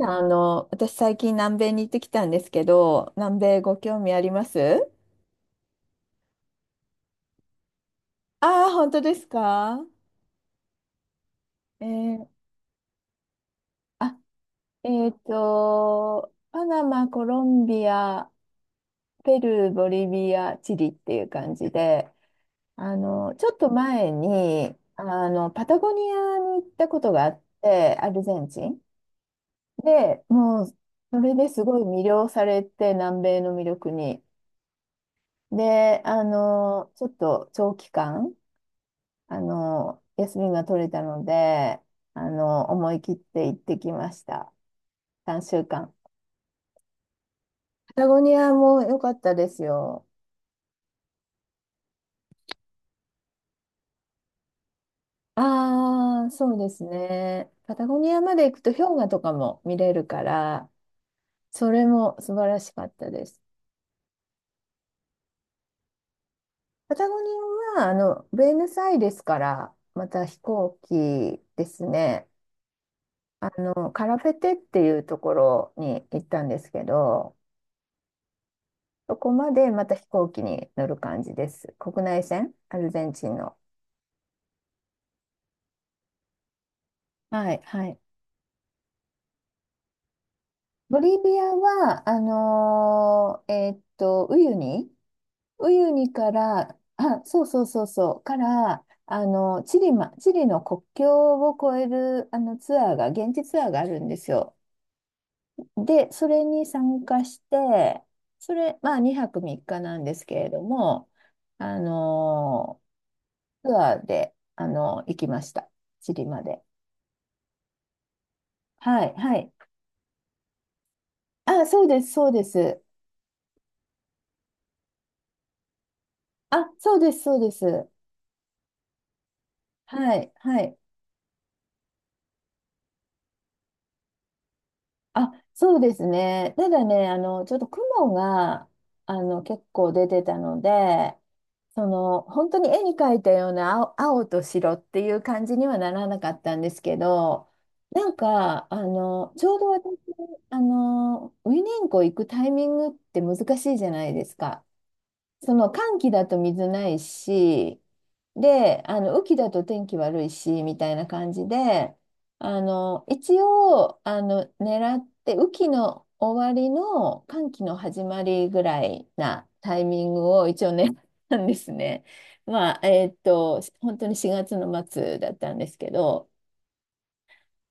私最近南米に行ってきたんですけど、南米ご興味あります？ああー、本当ですか？えー、あ、パナマ、コロンビア、ペルー、ボリビア、チリっていう感じで、ちょっと前に、パタゴニアに行ったことがあって、アルゼンチン。で、もう、それですごい魅了されて、南米の魅力に。で、ちょっと長期間、休みが取れたので、思い切って行ってきました。3週間。パタゴニアも良かったですよ。ああ、そうですね。パタゴニアまで行くと氷河とかも見れるから、それも素晴らしかったです。パタゴニアは、ブエノスアイレスから、また飛行機ですね。カラフェテっていうところに行ったんですけど、そこまでまた飛行機に乗る感じです。国内線、アルゼンチンの。はい、はい。ボリビアは、ウユニ、ウユニから、あ、そうそうそうそう、から、チリの国境を越える、ツアーが、現地ツアーがあるんですよ。で、それに参加して、それ、まあ、2泊3日なんですけれども、あのツアーで、あの行きました。チリまで。はい、はい。あ、そうです、そうです。あ、そうです、そうです。はい、はい。あ、そうですね。ただね、ちょっと雲が、結構出てたので、その、本当に絵に描いたような青、青と白っていう感じにはならなかったんですけど、なんか、ちょうど私、ウィニンコ行くタイミングって難しいじゃないですか。その寒気だと水ないし、で、あの雨季だと天気悪いし、みたいな感じで、一応、狙って、雨季の終わりの寒気の始まりぐらいなタイミングを一応狙ったんですね。まあ、本当に4月の末だったんですけど、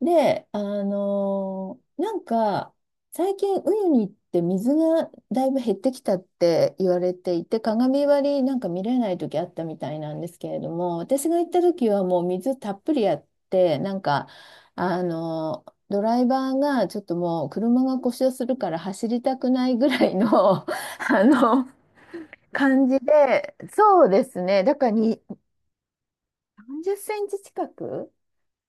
で、なんか、最近、ウユニって水がだいぶ減ってきたって言われていて、鏡割りなんか見れない時あったみたいなんですけれども、私が行った時はもう水たっぷりあって、なんか、ドライバーがちょっともう車が故障するから走りたくないぐらいの 感じで、そうですね。だからに、30センチ近く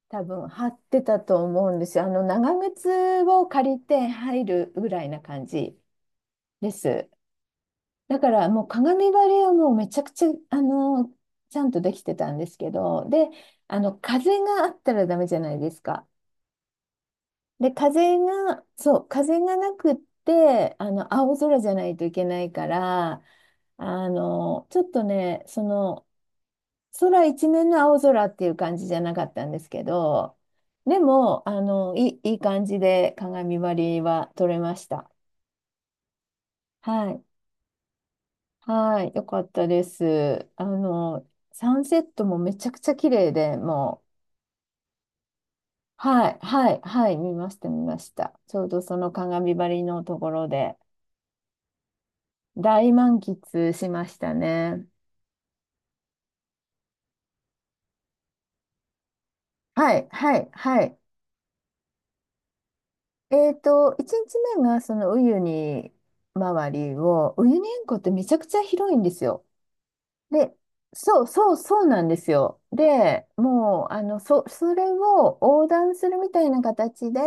多分張ってたと思うんですよ。あの長靴を借りて入るぐらいな感じです。だからもう鏡張りはもうめちゃくちゃちゃんとできてたんですけど、で、あの風があったらダメじゃないですか。で、風が、そう、風がなくって、あの青空じゃないといけないから、あのちょっとね、その空一面の青空っていう感じじゃなかったんですけど、でも、いい感じで鏡張りは撮れました。はい。はい。よかったです。サンセットもめちゃくちゃ綺麗で、もう、はい、はい、はい、見ました、見ました。ちょうどその鏡張りのところで、大満喫しましたね。はい、はい、はい。えっと、1日目がそのウユニ周りを、ウユニ塩湖ってめちゃくちゃ広いんですよ。で、そうそうそうなんですよ。で、もう、それを横断するみたいな形で、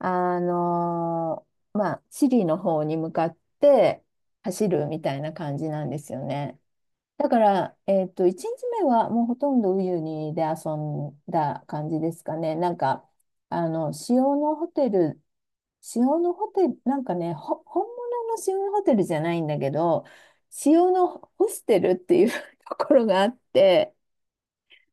あのまあ、チリの方に向かって走るみたいな感じなんですよね。だから、えっと、1日目はもうほとんどウユニで遊んだ感じですかね。なんか、あの、塩のホテル塩のホテル、なんかね、本物の塩のホテルじゃないんだけど、塩のホステルっていう ところがあって、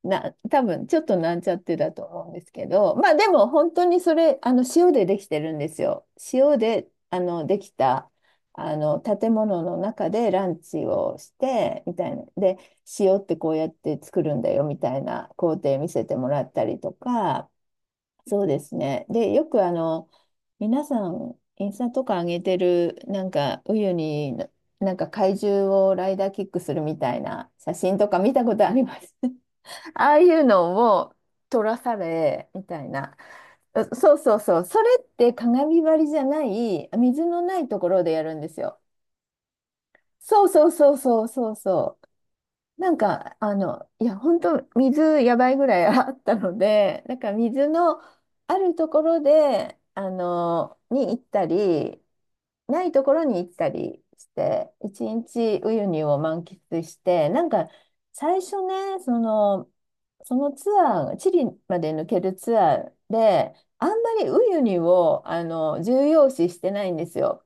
多分ちょっとなんちゃってだと思うんですけど、まあでも本当にそれ、あの塩でできてるんですよ。塩で、できた、建物の中でランチをして、みたいな。で、塩ってこうやって作るんだよ、みたいな工程見せてもらったりとか、そうですね。で、よくあの、皆さん、インスタとか上げてる、なんか、ウユニの、なんか怪獣をライダーキックするみたいな写真とか見たことあります？ああいうのを撮らされ、みたいな。うそうそうそう。それって鏡張りじゃない、水のないところでやるんですよ。そうそうそうそうそうそう。なんか、いや、本当水やばいぐらい あったので、なんか水のあるところで、に行ったり、ないところに行ったりして、一日ウユニを満喫して、なんか、最初ね、その、そのツアー、チリまで抜けるツアーで、あんまりウユニを、重要視してないんですよ。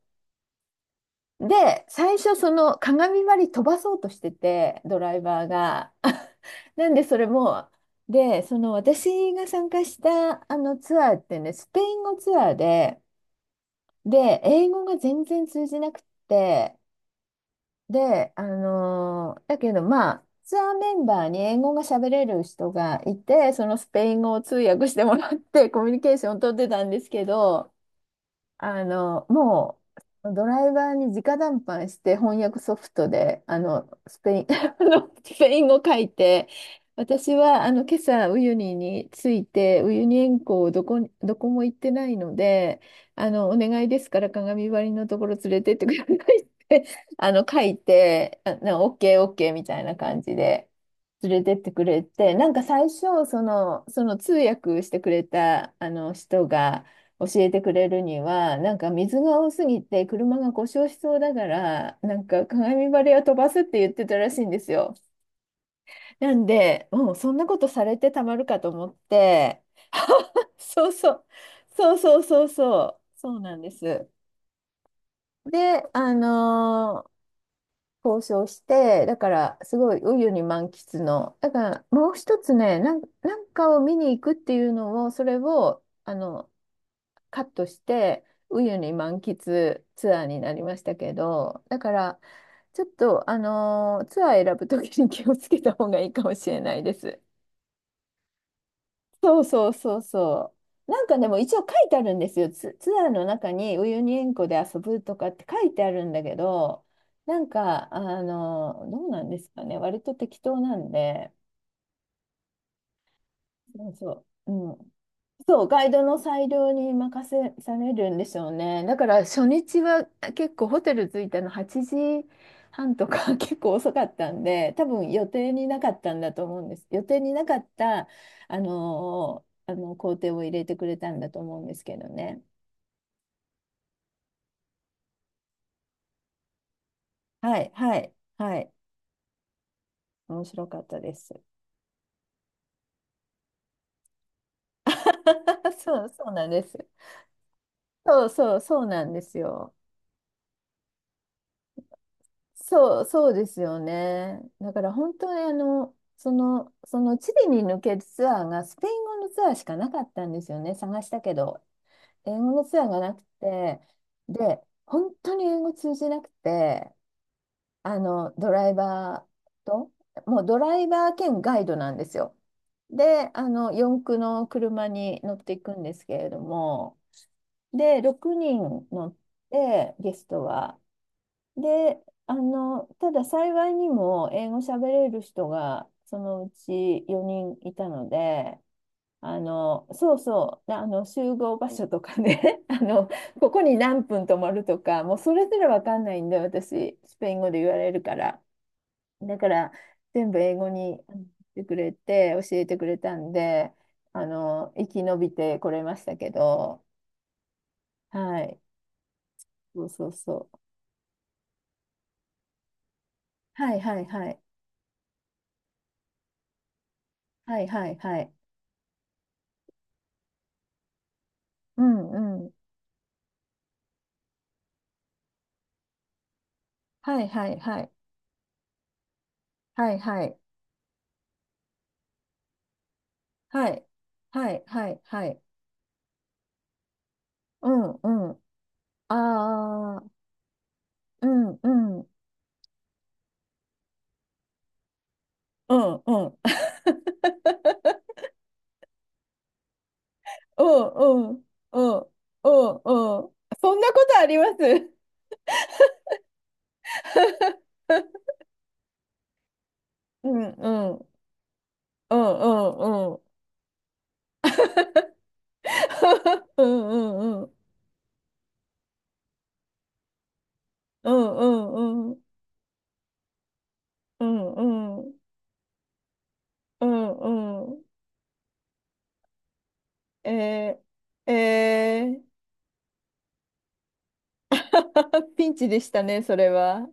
で、最初その鏡張り飛ばそうとしてて、ドライバーが。なんでそれも、で、その私が参加したあのツアーってね、スペイン語ツアーで、で、英語が全然通じなくって、で、だけどまあ、ツアーメンバーに英語が喋れる人がいて、そのスペイン語を通訳してもらってコミュニケーションを取ってたんですけど、もう、ドライバーに直談判して翻訳ソフトで、スペイン、スペイン語書いて、私は、今朝、ウユニに着いて、ウユニ塩湖どこに、どこも行ってないので、お願いですから鏡張りのところ連れてってくださいって、書いて、OK、オッケーオッケーみたいな感じで連れてってくれて、なんか最初、その、その通訳してくれた、人が、教えてくれるには、なんか水が多すぎて車が故障しそうだから、なんか鏡張りを飛ばすって言ってたらしいんですよ。なんで、もうそんなことされてたまるかと思って、そうそう、そうそうそうそう、そうなんです。で、交渉して、だからすごいウユに満喫の、だからもう一つね、なんかを見に行くっていうのを、それを、カットして、ウユニ満喫ツアーになりましたけど、だから、ちょっと、ツアー選ぶときに気をつけた方がいいかもしれないです。そうそうそうそう。なんかでも一応書いてあるんですよ。ツアーの中にウユニ塩湖で遊ぶとかって書いてあるんだけど、なんか、どうなんですかね。割と適当なんで、そうそう。うんそう、ガイドの裁量に任せされるんでしょうね。だから初日は結構ホテル着いたの8時半とか 結構遅かったんで、多分予定になかったんだと思うんです。予定になかった、あの工程を入れてくれたんだと思うんですけどね。はい、はい、はい。面白かったです。そう、そうなんです。そうそう、そうなんですよ。そう、そうですよね。だから本当にあの、その、そのチリに抜けるツアーがスペイン語のツアーしかなかったんですよね、探したけど。英語のツアーがなくて、で、本当に英語通じなくて、ドライバーと、もうドライバー兼ガイドなんですよ。で、四駆の車に乗っていくんですけれども、で、6人乗って、ゲストは。で、ただ幸いにも英語喋れる人がそのうち4人いたので、そうそう、集合場所とかね、ここに何分泊まるとか、もうそれすらわかんないんで、私、スペイン語で言われるから。だから、全部英語に言ってくれて、教えてくれたんで、生き延びてこれましたけど、はい、そうそうそう。はいはいはい。はいはいはい。うんうんはいはいはい。はいはい。はい。はいはいはい。うんうん。ああ、うんうん。うんうん。うんうん。うんうんうん。そんなことあります？ うんうん。うんうんうん。うんうんうん。うんうんうん。うんうん。うんうん。えー、えー、ピンチでしたね、それは。